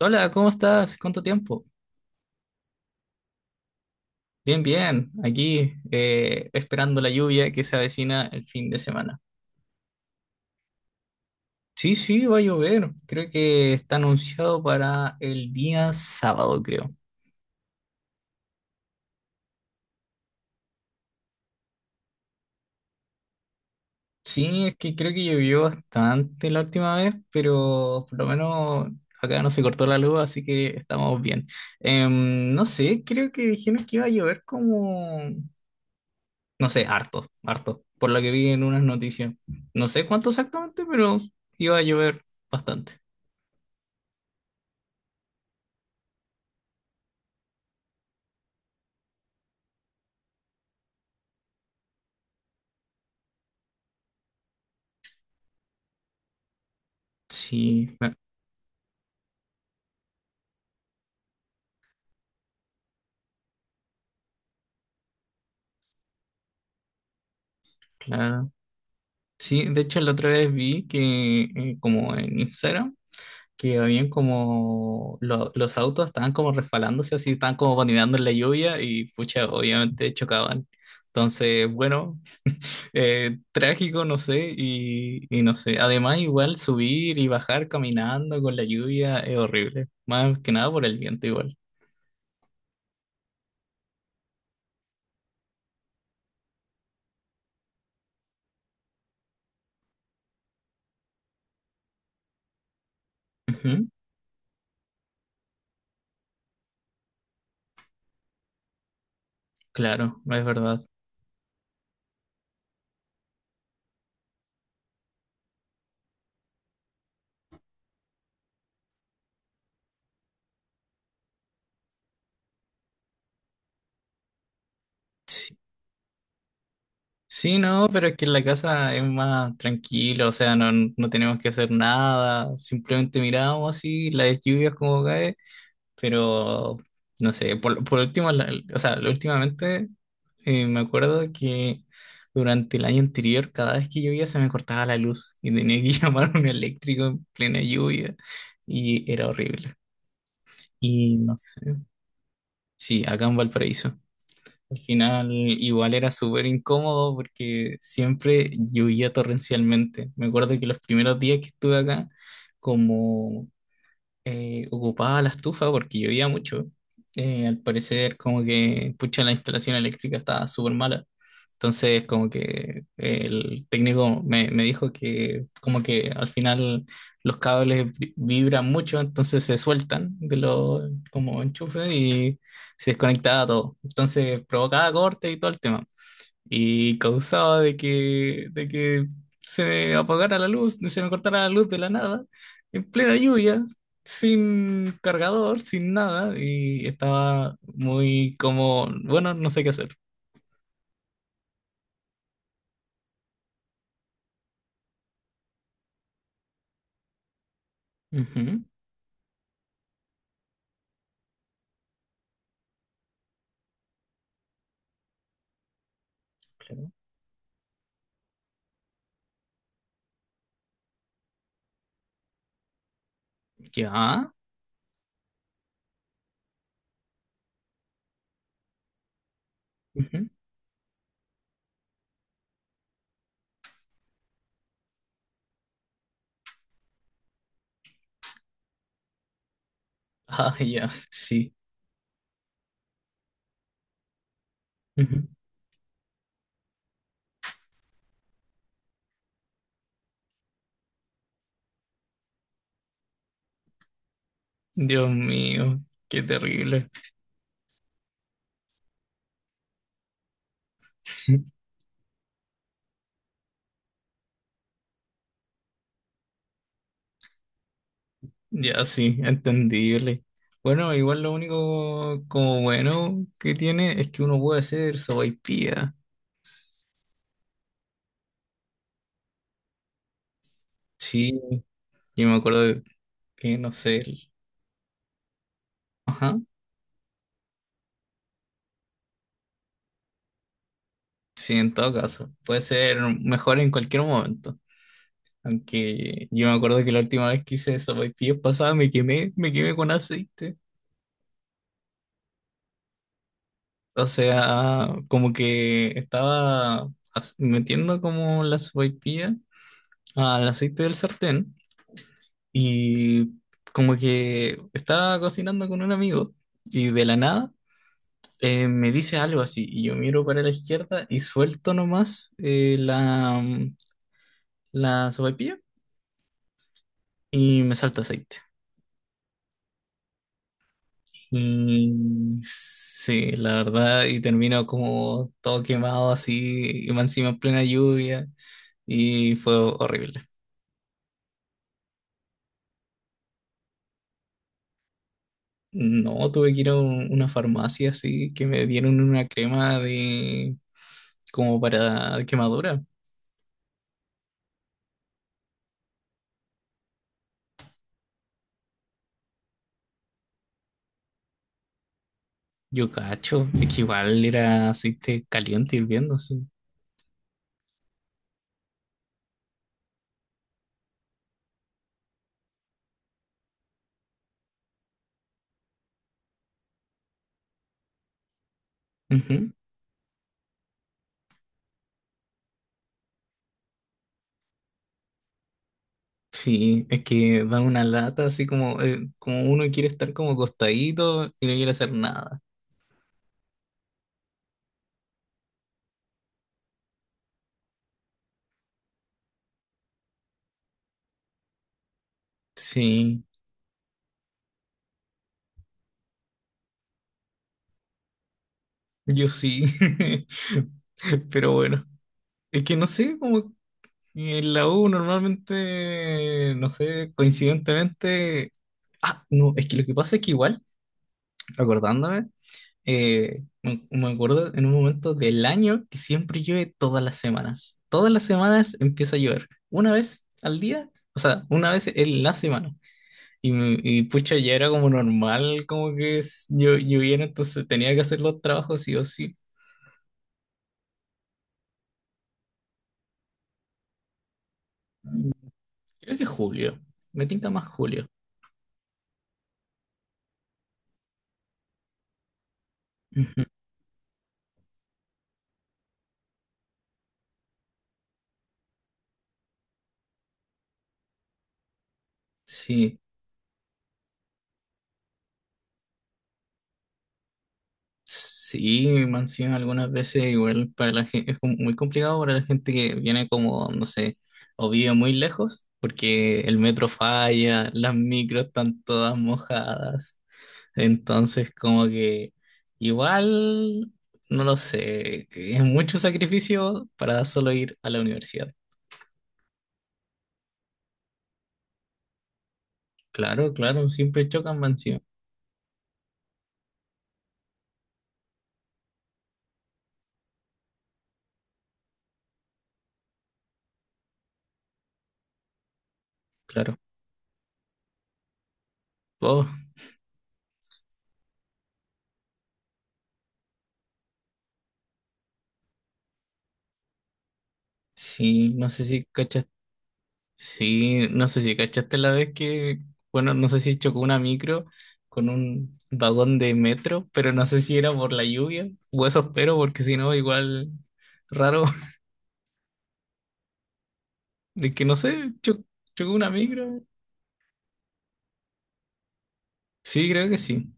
Hola, ¿cómo estás? ¿Cuánto tiempo? Bien, bien. Aquí esperando la lluvia que se avecina el fin de semana. Sí, sí, va a llover. Creo que está anunciado para el día sábado, creo. Sí, es que creo que llovió bastante la última vez, pero por lo menos acá no se cortó la luz, así que estamos bien. No sé, creo que dijeron que iba a llover como... No sé, harto, harto. Por lo que vi en unas noticias. No sé cuánto exactamente, pero iba a llover bastante. Sí, me- claro. Sí, de hecho la otra vez vi que como en Instagram, que habían como los autos estaban como resbalándose, así estaban como patinando en la lluvia y pucha, obviamente chocaban. Entonces, bueno, trágico, no sé, y no sé. Además, igual subir y bajar caminando con la lluvia es horrible. Más que nada por el viento igual. Ujú, claro, es verdad. Sí. Sí, no, pero es que en la casa es más tranquilo, o sea, no, no tenemos que hacer nada, simplemente miramos así las lluvias como cae, pero no sé, por último, o sea, últimamente me acuerdo que durante el año anterior, cada vez que llovía se me cortaba la luz y tenía que llamar a un eléctrico en plena lluvia y era horrible. Y no sé, sí, acá en Valparaíso. Al final igual era súper incómodo porque siempre llovía torrencialmente. Me acuerdo que los primeros días que estuve acá, como ocupaba la estufa porque llovía mucho. Al parecer, como que, pucha, la instalación eléctrica estaba súper mala. Entonces, como que el técnico me dijo que, como que al final los cables vibran mucho, entonces se sueltan de los como enchufes y se desconectaba todo. Entonces, provocaba cortes y todo el tema y causaba de que se me apagara la luz, se me cortara la luz de la nada, en plena lluvia, sin cargador, sin nada, y estaba muy como, bueno, no sé qué hacer. Ujú, claro. Ya. Ujú. Ah, ya, sí. Ujú. Dios mío, qué terrible. Ya, sí, entendible. Bueno, igual lo único como bueno que tiene es que uno puede hacer sopaipilla. Sí, yo me acuerdo que, no sé, ajá, sí, en todo caso, puede ser mejor en cualquier momento. Aunque yo me acuerdo que la última vez que hice sopaipillas pasada me quemé con aceite. O sea, como que estaba metiendo como la sopaipilla al aceite del sartén y como que estaba cocinando con un amigo y de la nada me dice algo así, y yo miro para la izquierda y suelto nomás la sopaipilla y me salto aceite. Y sí, la verdad, y termino como todo quemado así, y más encima en plena lluvia, y fue horrible. No, tuve que ir a una farmacia así, que me dieron una crema de como para quemadura. Yo cacho, es que igual era aceite caliente hirviendo, sí. Ujú. Sí, es que dan una lata así como, como uno quiere estar como acostadito y no quiere hacer nada. Sí, yo sí. Pero bueno, es que no sé, como que en la U normalmente, no sé, coincidentemente. Ah, no, es que lo que pasa es que igual, acordándome, me acuerdo en un momento del año que siempre llueve todas las semanas. Todas las semanas empieza a llover. Una vez al día, o sea, una vez en la semana. Y pucha, ya era como normal, como que lloviera, entonces tenía que hacer los trabajos sí o sí. Creo que julio. Me tinta más julio. Ujú. Sí. Sí, me han sido algunas veces igual para la gente, es como muy complicado para la gente que viene como, no sé, o vive muy lejos, porque el metro falla, las micros están todas mojadas. Entonces, como que igual, no lo sé, que es mucho sacrificio para solo ir a la universidad. Claro, claro, siempre chocan, man, sí, claro. Oh, sí, no sé si cachas. Sí, no sé si cachaste la vez que, bueno, no sé si chocó una micro con un vagón de metro, pero no sé si era por la lluvia, o eso espero, porque si no, igual raro, de que no sé, chocó una micro. Sí, creo que sí,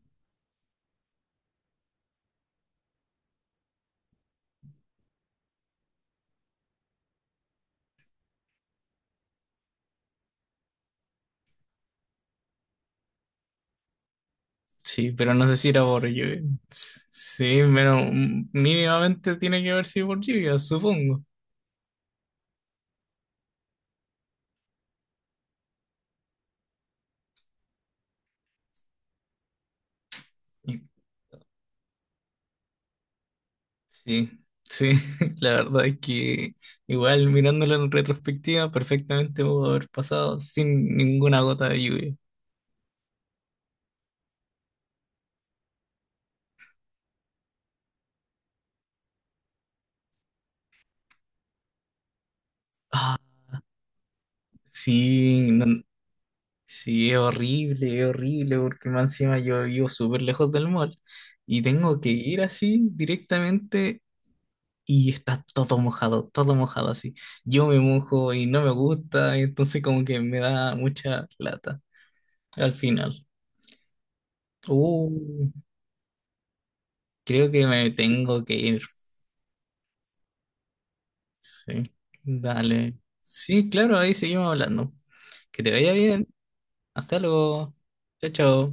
sí, pero no sé si era por lluvia. S- Sí, pero mm, mínimamente tiene que haber sido por lluvia, supongo. Sí, sí, la verdad es que igual mirándolo en retrospectiva, perfectamente pudo haber pasado sin ninguna gota de lluvia. Ah, sí, sí, es horrible, porque más encima yo vivo súper lejos del mall y tengo que ir así directamente y está todo mojado así. Yo me mojo y no me gusta, entonces como que me da mucha lata al final. Uh, creo que me tengo que ir. Sí, dale. Sí, claro, ahí seguimos hablando. Que te vaya bien. Hasta luego. Chao, chao.